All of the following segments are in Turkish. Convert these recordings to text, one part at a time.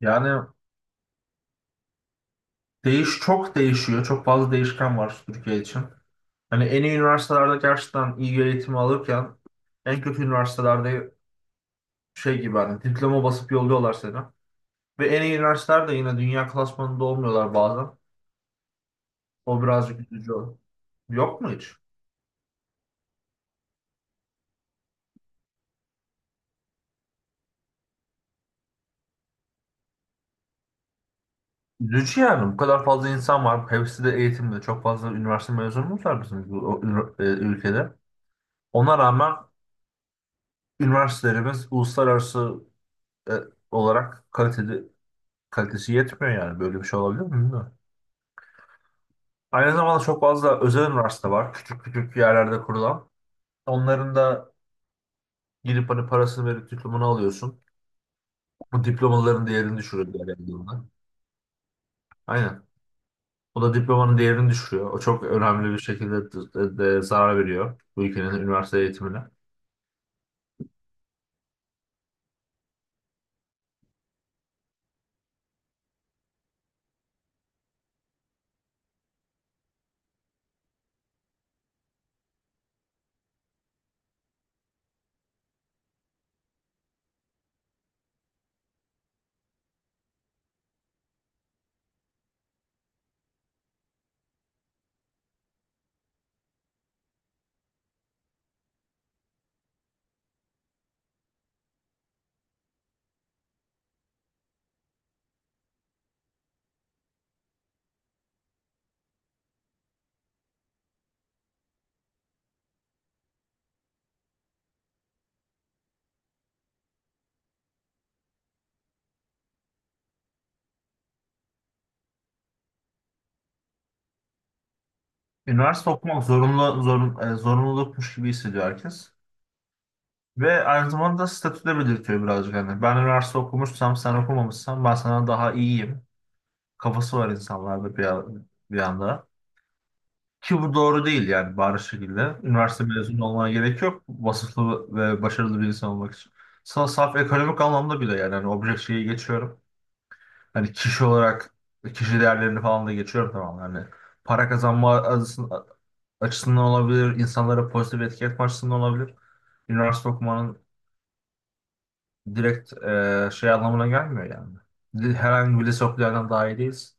Yani çok değişiyor. Çok fazla değişken var Türkiye için. Hani en iyi üniversitelerde gerçekten iyi bir eğitimi alırken en kötü üniversitelerde şey gibi hani diploma basıp yolluyorlar seni. Ve en iyi üniversiteler de yine dünya klasmanında olmuyorlar bazen. O birazcık üzücü. Yok mu hiç? Üzücü yani. Bu kadar fazla insan var. Hepsi de eğitimde. Çok fazla üniversite mezunumuz var bizim bu ülkede. Ona rağmen üniversitelerimiz uluslararası e, olarak kalitesi yetmiyor yani. Böyle bir şey olabilir mi bilmiyorum. Aynı zamanda çok fazla özel üniversite var. Küçük küçük yerlerde kurulan. Onların da gidip hani parasını verip diplomanı alıyorsun. Bu diplomaların değerini düşürüyor diğer yandan. Aynen. O da diplomanın değerini düşürüyor. O çok önemli bir şekilde de, de zarar veriyor bu ülkenin üniversite eğitimine. Üniversite okumak zorunlulukmuş gibi hissediyor herkes. Ve aynı zamanda statüde belirtiyor birazcık. Yani ben üniversite okumuşsam sen okumamışsan ben sana daha iyiyim. Kafası var insanlarda bir anda. Ki bu doğru değil yani bariz şekilde. Üniversite mezunu olmana gerek yok. Vasıflı ve başarılı bir insan olmak için. Saf ekonomik anlamda bile yani. Hani objek şeyi geçiyorum. Hani kişi olarak kişi değerlerini falan da geçiyorum tamam. Yani para kazanma açısından olabilir, insanlara pozitif etki etme açısından olabilir. Üniversite okumanın direkt anlamına gelmiyor yani. Herhangi bir lise okuyandan daha iyi değiliz.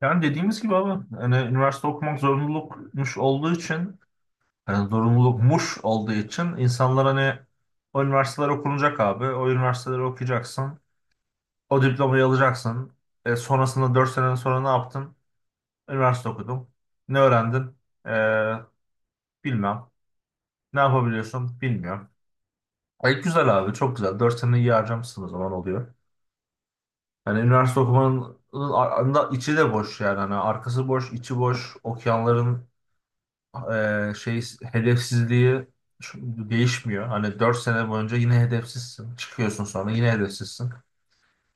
Yani dediğimiz gibi abi, hani üniversite okumak zorunlulukmuş olduğu için, hani zorunlulukmuş olduğu için insanlar hani o üniversiteler okunacak abi, o üniversiteleri okuyacaksın, o diplomayı alacaksın. Sonrasında 4 sene sonra ne yaptın? Üniversite okudum. Ne öğrendin? E, bilmem. Ne yapabiliyorsun? Bilmiyorum. Ay güzel abi çok güzel. 4 sene iyi harcamışsın o zaman oluyor. Hani üniversite okumanın ar- anda içi de boş yani. Hani arkası boş, içi boş. Okuyanların e, şey hedefsizliği değişmiyor. Hani 4 sene boyunca yine hedefsizsin. Çıkıyorsun sonra yine hedefsizsin.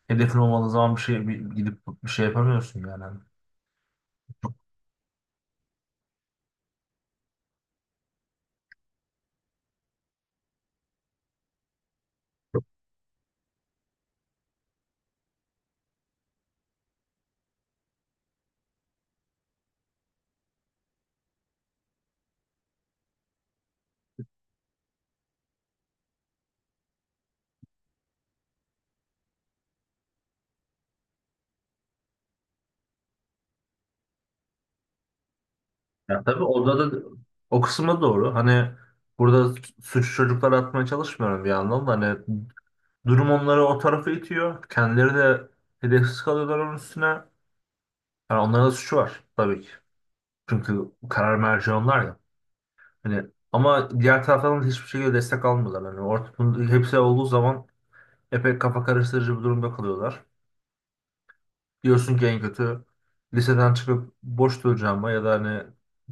Hedefin olmadığı zaman gidip bir şey yapamıyorsun yani. Ya tabii orada da o kısma doğru. Hani burada suçu çocuklara atmaya çalışmıyorum bir yandan da hani durum onları o tarafa itiyor. Kendileri de hedefsiz kalıyorlar onun üstüne. Yani onların da suçu var tabii ki. Çünkü karar merci onlar ya. Hani ama diğer taraftan da hiçbir şekilde destek almıyorlar. Yani ortada hepsi olduğu zaman epey kafa karıştırıcı bir durumda kalıyorlar. Diyorsun ki en kötü liseden çıkıp boş duracağıma ya da hani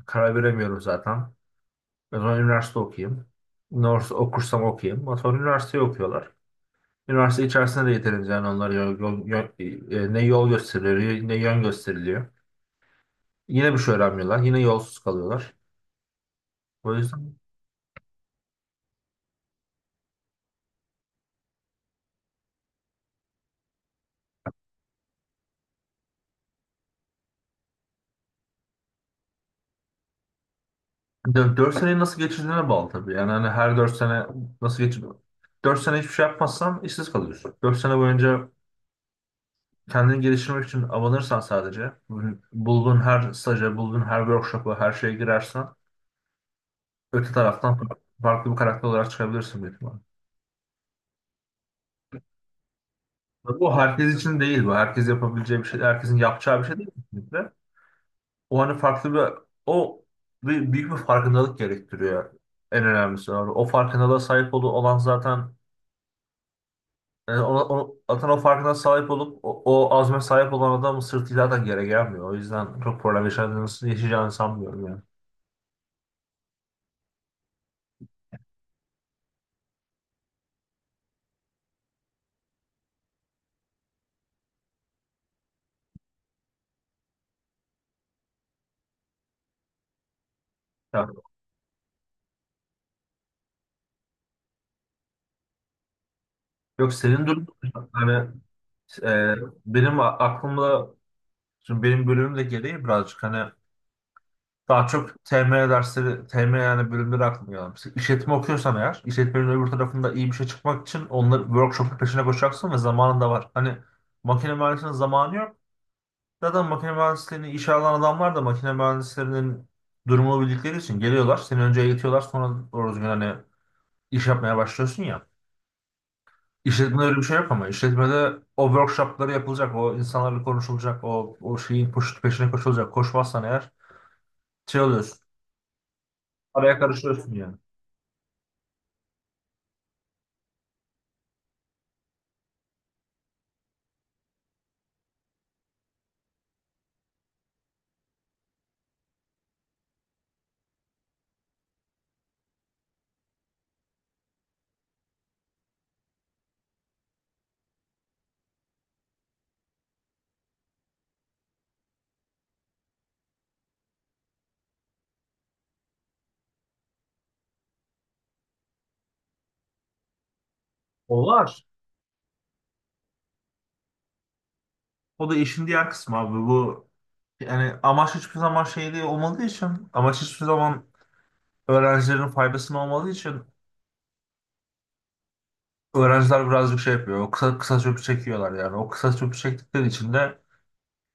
karar veremiyorum zaten. O zaman üniversite okuyayım. Üniversite okursam okuyayım. Ama sonra üniversiteyi okuyorlar. Üniversite içerisinde de yeterince yani onlara ne yol gösteriliyor ne yön gösteriliyor. Yine bir şey öğrenmiyorlar. Yine yolsuz kalıyorlar. O yüzden 4 seneyi nasıl geçirdiğine bağlı tabii. Yani hani her 4 sene nasıl geçir 4 sene hiçbir şey yapmazsan işsiz kalıyorsun. 4 sene boyunca kendini geliştirmek için abanırsan sadece bulduğun her staja, bulduğun her workshop'a, her şeye girersen öte taraftan farklı bir karakter olarak çıkabilirsin büyük ihtimalle. Bu herkes için değil bu. Herkes yapabileceği bir şey, herkesin yapacağı bir şey değil kesinlikle. O hani farklı bir o bir büyük bir farkındalık gerektiriyor. En önemlisi abi. O farkındalığa sahip olan zaten yani zaten o farkına sahip olup o, o azme sahip olan adamın sırtı zaten yere gelmiyor. O yüzden çok problem yaşayacağını sanmıyorum yani. Ya, yok senin durum hani e, benim aklımda şimdi benim bölümüm de gereği birazcık hani daha çok TM dersleri, TM yani bölümleri aklıma gelen. Mesela işletme okuyorsan eğer, işletmenin öbür tarafında iyi bir şey çıkmak için onları workshop'un peşine koşacaksın ve zamanın da var. Hani makine mühendisliğinin zamanı yok. Zaten makine mühendisliğini işe alan adamlar da makine mühendislerinin durumunu bildikleri için geliyorlar. Seni önce eğitiyorlar sonra doğru düzgün hani iş yapmaya başlıyorsun ya. İşletmede öyle bir şey yok ama işletmede o workshopları yapılacak, o insanlarla konuşulacak, o, o şeyin peşine koşulacak. Koşmazsan eğer şey oluyorsun, araya karışıyorsun yani. O var. O da işin diğer kısmı abi. Bu yani amaç hiçbir zaman şey değil olmadığı için, amaç hiçbir zaman öğrencilerin faydasına olmadığı için öğrenciler birazcık şey yapıyor. O kısa kısa çöpü çekiyorlar yani. O kısa çöpü çektikleri için de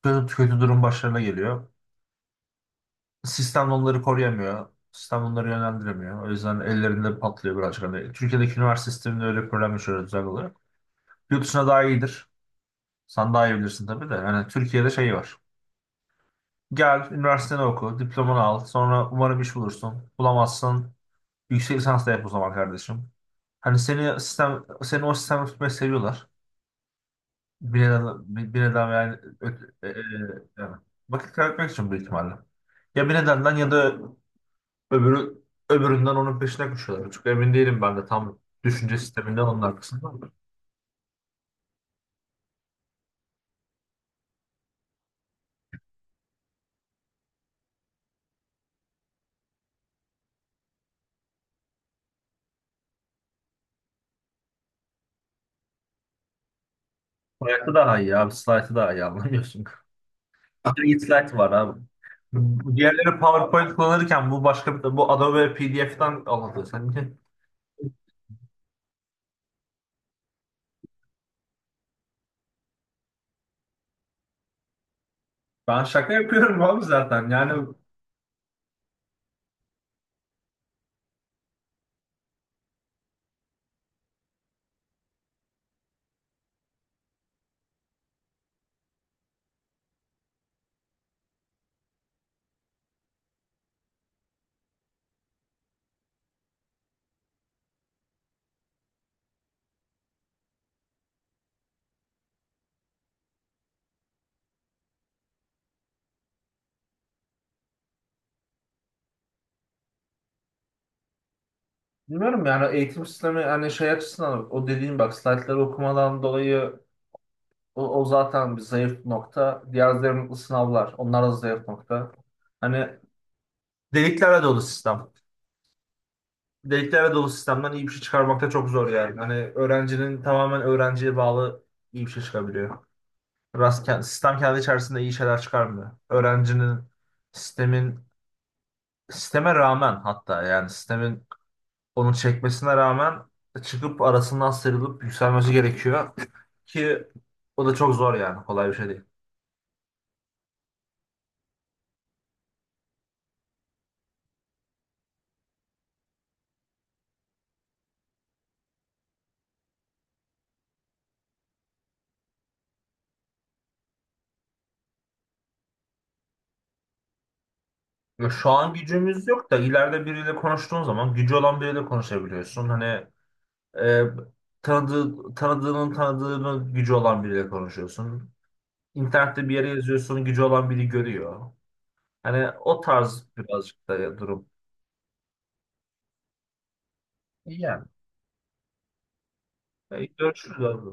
kötü, kötü durum başlarına geliyor. Sistem onları koruyamıyor. Sistem onları yönlendiremiyor. O yüzden ellerinde patlıyor birazcık. Hani Türkiye'deki üniversite sisteminde öyle bir problem yaşıyoruz özel olarak. Yurt dışına daha iyidir. Sen daha iyi bilirsin tabii de. Yani Türkiye'de şey var. Gel, üniversiteni oku, diplomanı al. Sonra umarım iş bulursun. Bulamazsın. Yüksek lisans da yap o zaman kardeşim. Hani seni sistem, seni o sistemde tutmayı seviyorlar. Bir neden, bir, bir neden yani, ö- e, e, yani vakit kaybetmek için büyük ihtimalle. Ya bir nedenden ya da öbürü, öbüründen onun peşine koşuyorlar. Çok emin değilim ben de tam düşünce sisteminden onun arkasında. Hayatta daha iyi abi. Slide'ı daha iyi anlamıyorsun. Bir slide var abi. Bu diğerleri PowerPoint kullanırken bu başka bir bu Adobe PDF'den alındı sanki. Ben şaka yapıyorum abi zaten. Yani bilmiyorum yani eğitim sistemi hani şey açısından o dediğim bak slaytları okumadan dolayı o, o zaten bir zayıf nokta. Diğer zayıf sınavlar onlar da zayıf nokta. Hani deliklerle dolu sistem. Deliklerle dolu sistemden iyi bir şey çıkarmak da çok zor yani. Hani öğrencinin tamamen öğrenciye bağlı iyi bir şey çıkabiliyor. Sistem kendi içerisinde iyi şeyler çıkarmıyor. Öğrencinin sistemin sisteme rağmen hatta yani sistemin onu çekmesine rağmen çıkıp arasından sıyrılıp yükselmesi gerekiyor ki o da çok zor yani kolay bir şey değil. Ya şu an gücümüz yok da ileride biriyle konuştuğun zaman gücü olan biriyle konuşabiliyorsun. Hani e, tanıdığının tanıdığının gücü olan biriyle konuşuyorsun. İnternette bir yere yazıyorsun gücü olan biri görüyor. Hani o tarz birazcık da durum. İyi yani. E, görüşürüz abi.